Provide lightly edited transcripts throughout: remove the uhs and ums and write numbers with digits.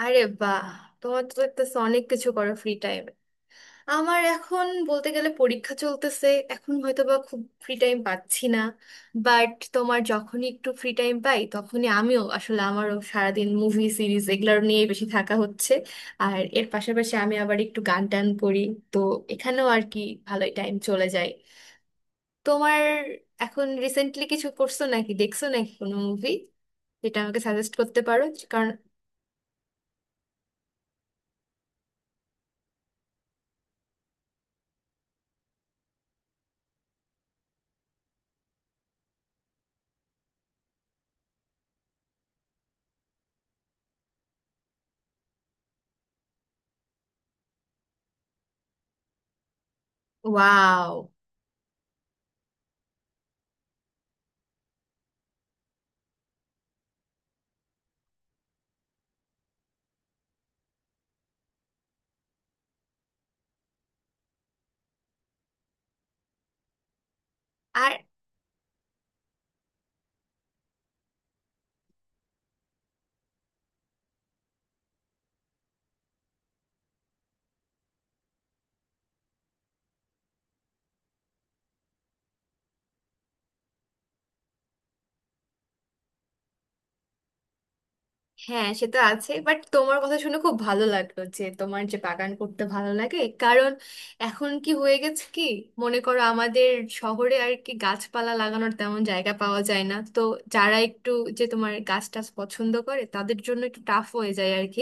আরে বাহ! তোমার তো দেখতেছো অনেক কিছু করো ফ্রি টাইমে। আমার এখন বলতে গেলে পরীক্ষা চলতেছে, এখন হয়তো বা খুব ফ্রি টাইম পাচ্ছি না। বাট তোমার যখনই একটু ফ্রি টাইম পাই তখনই আমিও আসলে, আমারও সারাদিন মুভি সিরিজ এগুলো নিয়ে বেশি থাকা হচ্ছে। আর এর পাশাপাশি আমি আবার একটু গান টান করি, তো এখানেও আর কি ভালোই টাইম চলে যায়। তোমার এখন রিসেন্টলি কিছু করছো নাকি, দেখছো নাকি কোনো মুভি যেটা আমাকে সাজেস্ট করতে পারো? কারণ, ওয়াও। আর হ্যাঁ, সেটা আছে। বাট তোমার কথা শুনে খুব ভালো লাগলো যে তোমার যে বাগান করতে ভালো লাগে। কারণ এখন কি হয়ে গেছে কি, মনে করো আমাদের শহরে আর কি গাছপালা লাগানোর তেমন জায়গা পাওয়া যায় না, তো যারা একটু যে তোমার গাছ টাছ পছন্দ করে তাদের জন্য একটু টাফ হয়ে যায় আর কি।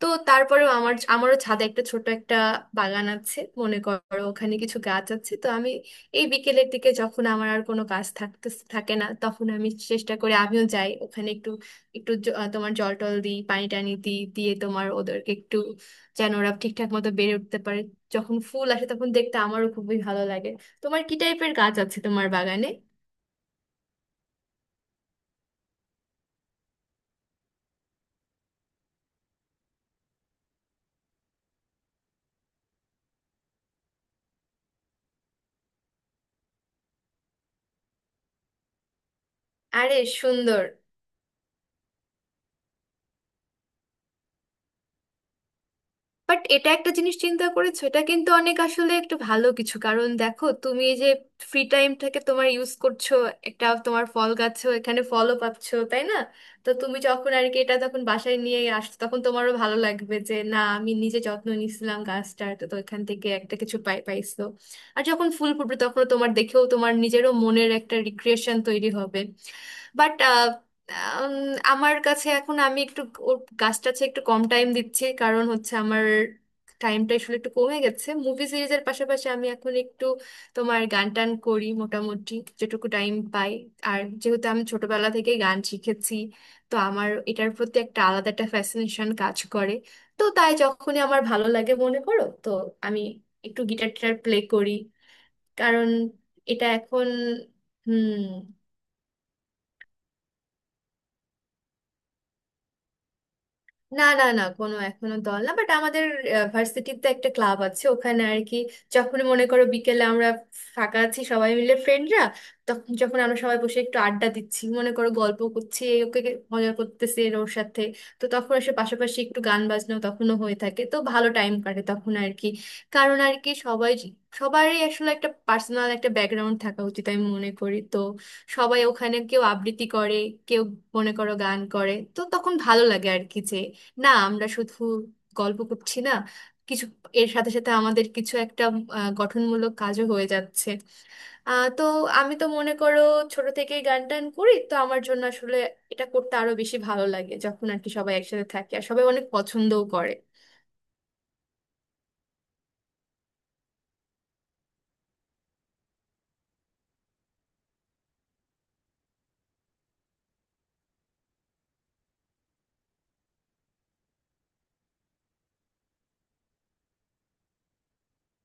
তো তারপরেও আমারও ছাদে একটা ছোট একটা বাগান আছে, মনে করো ওখানে কিছু গাছ আছে। তো আমি এই বিকেলের দিকে যখন আমার আর কোনো কাজ থাকতে থাকে না তখন আমি চেষ্টা করি, আমিও যাই ওখানে একটু একটু তোমার জল টল দিই, পানি টানি দিই, দিয়ে তোমার ওদেরকে একটু, যেন ওরা ঠিকঠাক মতো বেড়ে উঠতে পারে। যখন ফুল আসে তখন দেখতে আমারও খুবই ভালো লাগে। তোমার কি টাইপের গাছ আছে তোমার বাগানে? আরে সুন্দর! বাট এটা একটা জিনিস চিন্তা করেছো, এটা কিন্তু অনেক আসলে একটু ভালো কিছু। কারণ দেখো তুমি এই যে ফ্রি টাইমটাকে তোমার ইউজ করছো, একটা তোমার ফল গাছও, এখানে ফলও পাচ্ছো তাই না? তো তুমি যখন আর কি এটা তখন বাসায় নিয়ে আসছো তখন তোমারও ভালো লাগবে যে না, আমি নিজে যত্ন নিছিলাম গাছটার, তো তো এখান থেকে একটা কিছু পাই, পাইছো। আর যখন ফুল ফুটবে তখন তোমার দেখেও তোমার নিজেরও মনের একটা রিক্রিয়েশন তৈরি হবে। বাট আম, আমার কাছে এখন আমি একটু ওর গাছ টাছে একটু কম টাইম দিচ্ছি। কারণ হচ্ছে আমার টাইমটা আসলে একটু কমে গেছে, মুভি সিরিজের পাশাপাশি আমি এখন একটু তোমার গান টান করি মোটামুটি, যেটুকু টাইম পাই। আর যেহেতু আমি ছোটবেলা থেকে গান শিখেছি, তো আমার এটার প্রতি একটা আলাদা একটা ফ্যাসিনেশন কাজ করে। তো তাই যখনই আমার ভালো লাগে মনে করো, তো আমি একটু গিটার টিটার প্লে করি। কারণ এটা এখন। হুম। না না না কোনো এখনো দল না। বাট আমাদের ভার্সিটিতে একটা ক্লাব আছে, ওখানে আর কি যখন মনে করো বিকেলে আমরা ফাঁকা আছি সবাই মিলে, ফ্রেন্ডরা, তখন যখন আমরা সবাই বসে একটু আড্ডা দিচ্ছি মনে করো, গল্প করছি, এ ওকে মজা করতেছি এর ওর সাথে। তো তখন এসে পাশাপাশি একটু গান বাজনাও তখনও হয়ে থাকে, তো ভালো টাইম কাটে তখন আর কি। কারণ আর কি সবাই, সবারই আসলে একটা পার্সোনাল একটা ব্যাকগ্রাউন্ড থাকা উচিত আমি মনে করি। তো সবাই ওখানে কেউ আবৃত্তি করে, কেউ মনে করো গান করে, তো তখন ভালো লাগে আর কি যে না, আমরা শুধু গল্প করছি না, কিছু এর সাথে সাথে আমাদের কিছু একটা গঠনমূলক কাজও হয়ে যাচ্ছে। তো আমি তো মনে করো ছোট থেকেই গান টান করি, তো আমার জন্য আসলে এটা করতে আরো বেশি ভালো লাগে যখন আর কি সবাই একসাথে থাকে আর সবাই অনেক পছন্দও করে।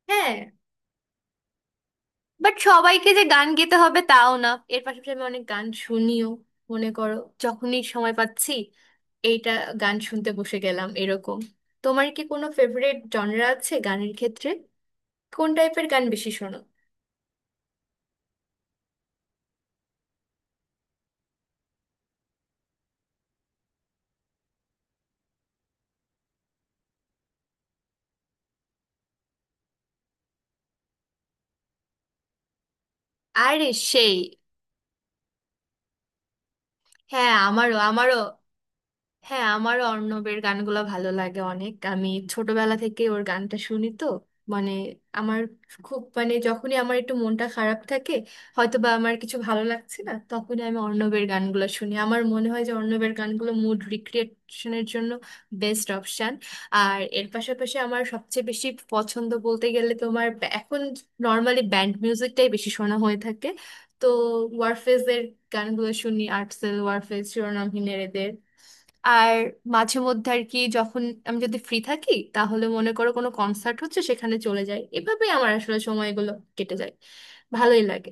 হ্যাঁ। বাট সবাইকে যে গান গেতে হবে তাও না, এর পাশাপাশি আমি অনেক গান শুনিও। মনে করো যখনই সময় পাচ্ছি এইটা, গান শুনতে বসে গেলাম এরকম। তোমার কি কোনো ফেভারিট জনরা আছে গানের ক্ষেত্রে? কোন টাইপের গান বেশি শোনো? আরে সেই! হ্যাঁ আমারও আমারও হ্যাঁ, আমারও অর্ণবের গানগুলো ভালো লাগে অনেক। আমি ছোটবেলা থেকে ওর গানটা শুনি, তো মানে আমার খুব, মানে যখনই আমার একটু মনটা খারাপ থাকে, হয়তো বা আমার কিছু ভালো লাগছে না, তখনই আমি অর্ণবের গানগুলো শুনি। আমার মনে হয় যে অর্ণবের গানগুলো মুড রিক্রিয়েশনের জন্য বেস্ট অপশান। আর এর পাশাপাশি আমার সবচেয়ে বেশি পছন্দ বলতে গেলে তোমার এখন নর্মালি ব্যান্ড মিউজিকটাই বেশি শোনা হয়ে থাকে। তো ওয়ারফেজের গানগুলো শুনি, আর্টসেল, ওয়ারফেজ, শিরোনামহীনের, এদের। আর মাঝে মধ্যে আর কি যখন আমি যদি ফ্রি থাকি তাহলে মনে করো কোনো কনসার্ট হচ্ছে, সেখানে চলে যাই। এভাবেই আমার আসলে সময়গুলো কেটে যায়, ভালোই লাগে।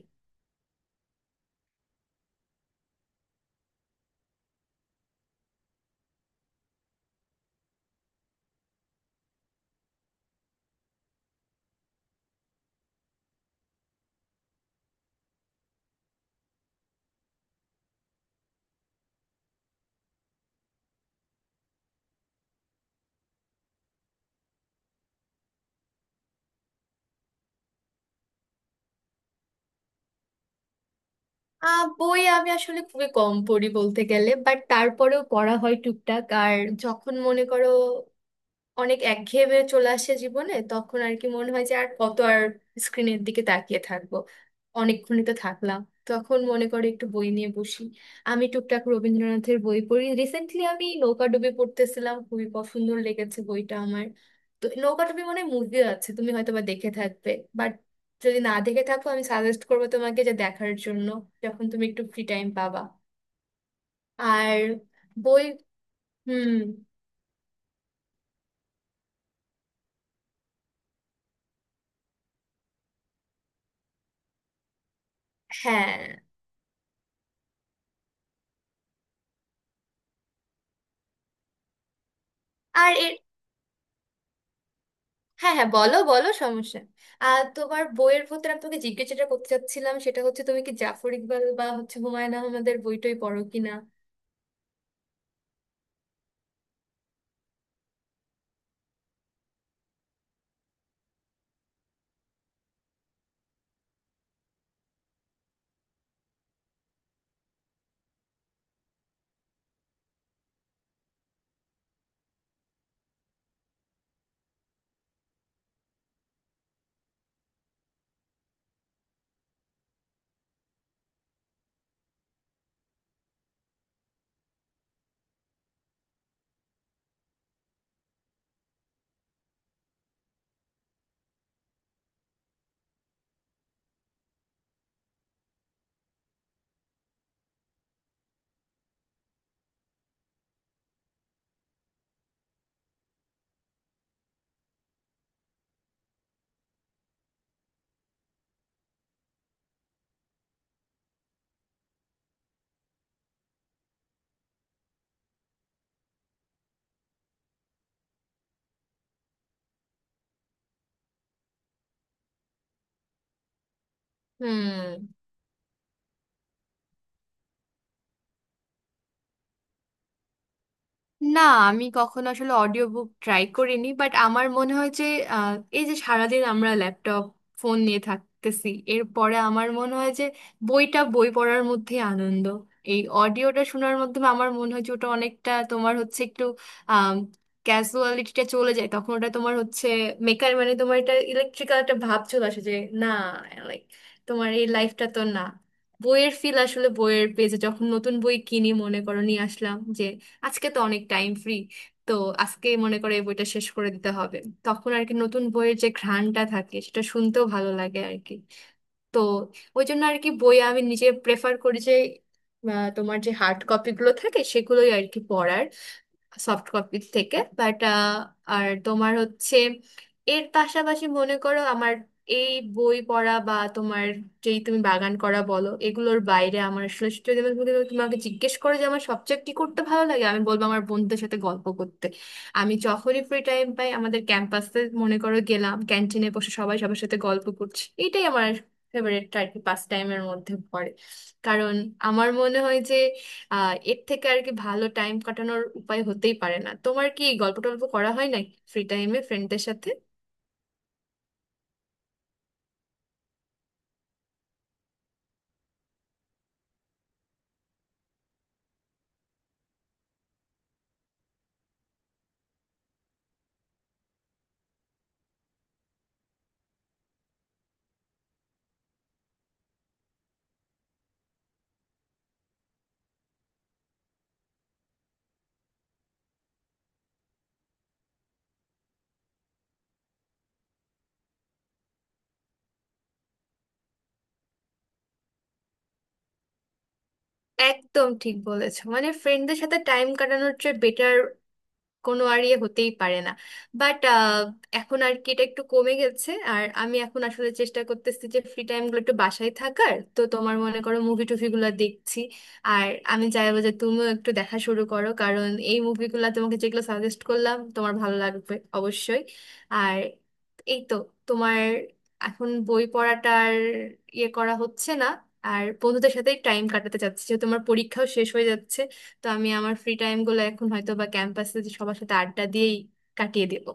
আহ, বই আমি আসলে খুবই কম পড়ি বলতে গেলে, বাট তারপরেও পড়া হয় টুকটাক। আর যখন মনে করো অনেক একঘেয়েমে চলে আসে জীবনে, তখন আর কি মনে হয় যে আর কত আর স্ক্রিনের দিকে তাকিয়ে থাকবো, অনেকক্ষণই তো থাকলাম, তখন মনে করে একটু বই নিয়ে বসি। আমি টুকটাক রবীন্দ্রনাথের বই পড়ি, রিসেন্টলি আমি নৌকাডুবি পড়তেছিলাম, খুবই পছন্দ লেগেছে বইটা আমার। তো নৌকাডুবি মানে মুভি আছে, তুমি হয়তো বা দেখে থাকবে, বাট যদি না দেখে থাকো আমি সাজেস্ট করবো তোমাকে যে দেখার জন্য যখন তুমি একটু ফ্রি টাইম পাবা। আর বই। হুম। হ্যাঁ আর এর। হ্যাঁ হ্যাঁ, বলো বলো, সমস্যা নেই। আর তোমার বইয়ের ভেতরে আমি তোমাকে জিজ্ঞেস যেটা করতে চাচ্ছিলাম সেটা হচ্ছে, তুমি কি জাফর ইকবাল বা হচ্ছে হুমায়ুন আহমেদের বইটই পড়ো কিনা? হুম। না, আমি কখনো আসলে অডিও বুক ট্রাই করিনি। বাট আমার মনে হয় যে আহ, এই যে সারাদিন আমরা ল্যাপটপ, ফোন নিয়ে থাকতেছি, এরপরে আমার মনে হয় যে বইটা, বই পড়ার মধ্যেই আনন্দ। এই অডিওটা শোনার মাধ্যমে আমার মনে হয় যে ওটা অনেকটা তোমার হচ্ছে একটু ক্যাজুয়ালিটিটা চলে যায়, তখন ওটা তোমার হচ্ছে মেকার মানে তোমার, এটা ইলেকট্রিক্যাল একটা ভাব চলে আসে যে না, লাইক, তোমার এই লাইফটা তো না। বইয়ের ফিল আসলে বইয়ের পেজে, যখন নতুন বই কিনি মনে করো, নিয়ে আসলাম, আজকে তো অনেক টাইম ফ্রি, তো আজকে মনে করে এই বইটা শেষ করে দিতে হবে, তখন আর কি নতুন বইয়ের যে ঘ্রাণটা থাকে সেটা শুনতেও ভালো লাগে আর কি। তো ওই জন্য আর কি বই আমি নিজে প্রেফার করি যে তোমার যে হার্ড কপিগুলো থাকে সেগুলোই আর কি পড়ার, সফট কপির থেকে। বাট আর তোমার হচ্ছে এর পাশাপাশি মনে করো আমার এই বই পড়া বা তোমার যেই তুমি বাগান করা বলো, এগুলোর বাইরে আমার আসলে যদি আমি তোমাকে তোমাকে জিজ্ঞেস করো যে আমার সবচেয়ে কি করতে ভালো লাগে, আমি বলবো আমার বন্ধুদের সাথে গল্প করতে। আমি যখনই ফ্রি টাইম পাই আমাদের ক্যাম্পাসে মনে করো গেলাম, ক্যান্টিনে বসে সবাই সবার সাথে গল্প করছি, এটাই আমার ফেভারিট আর কি পাস টাইমের মধ্যে পড়ে। কারণ আমার মনে হয় যে আহ, এর থেকে আর কি ভালো টাইম কাটানোর উপায় হতেই পারে না। তোমার কি গল্প টল্প করা হয় নাকি ফ্রি টাইমে ফ্রেন্ডদের সাথে? একদম ঠিক বলেছো, মানে ফ্রেন্ডদের সাথে টাইম কাটানোর চেয়ে বেটার কোনো আর ইয়ে হতেই পারে না। বাট এখন আর কি এটা একটু কমে গেছে, আর আমি এখন আসলে চেষ্টা করতেছি যে ফ্রি টাইমগুলো একটু বাসায় থাকার, তো তোমার মনে করো মুভি টুভিগুলো দেখছি। আর আমি চাইবো যে তুমিও একটু দেখা শুরু করো, কারণ এই মুভিগুলো তোমাকে যেগুলো সাজেস্ট করলাম তোমার ভালো লাগবে অবশ্যই। আর এই তো তোমার এখন বই পড়াটার ইয়ে করা হচ্ছে না। আর বন্ধুদের সাথে টাইম কাটাতে চাচ্ছি যে তোমার পরীক্ষাও শেষ হয়ে যাচ্ছে, তো আমি আমার ফ্রি টাইম গুলো এখন হয়তো বা ক্যাম্পাসে সবার সাথে আড্ডা দিয়েই কাটিয়ে দেব।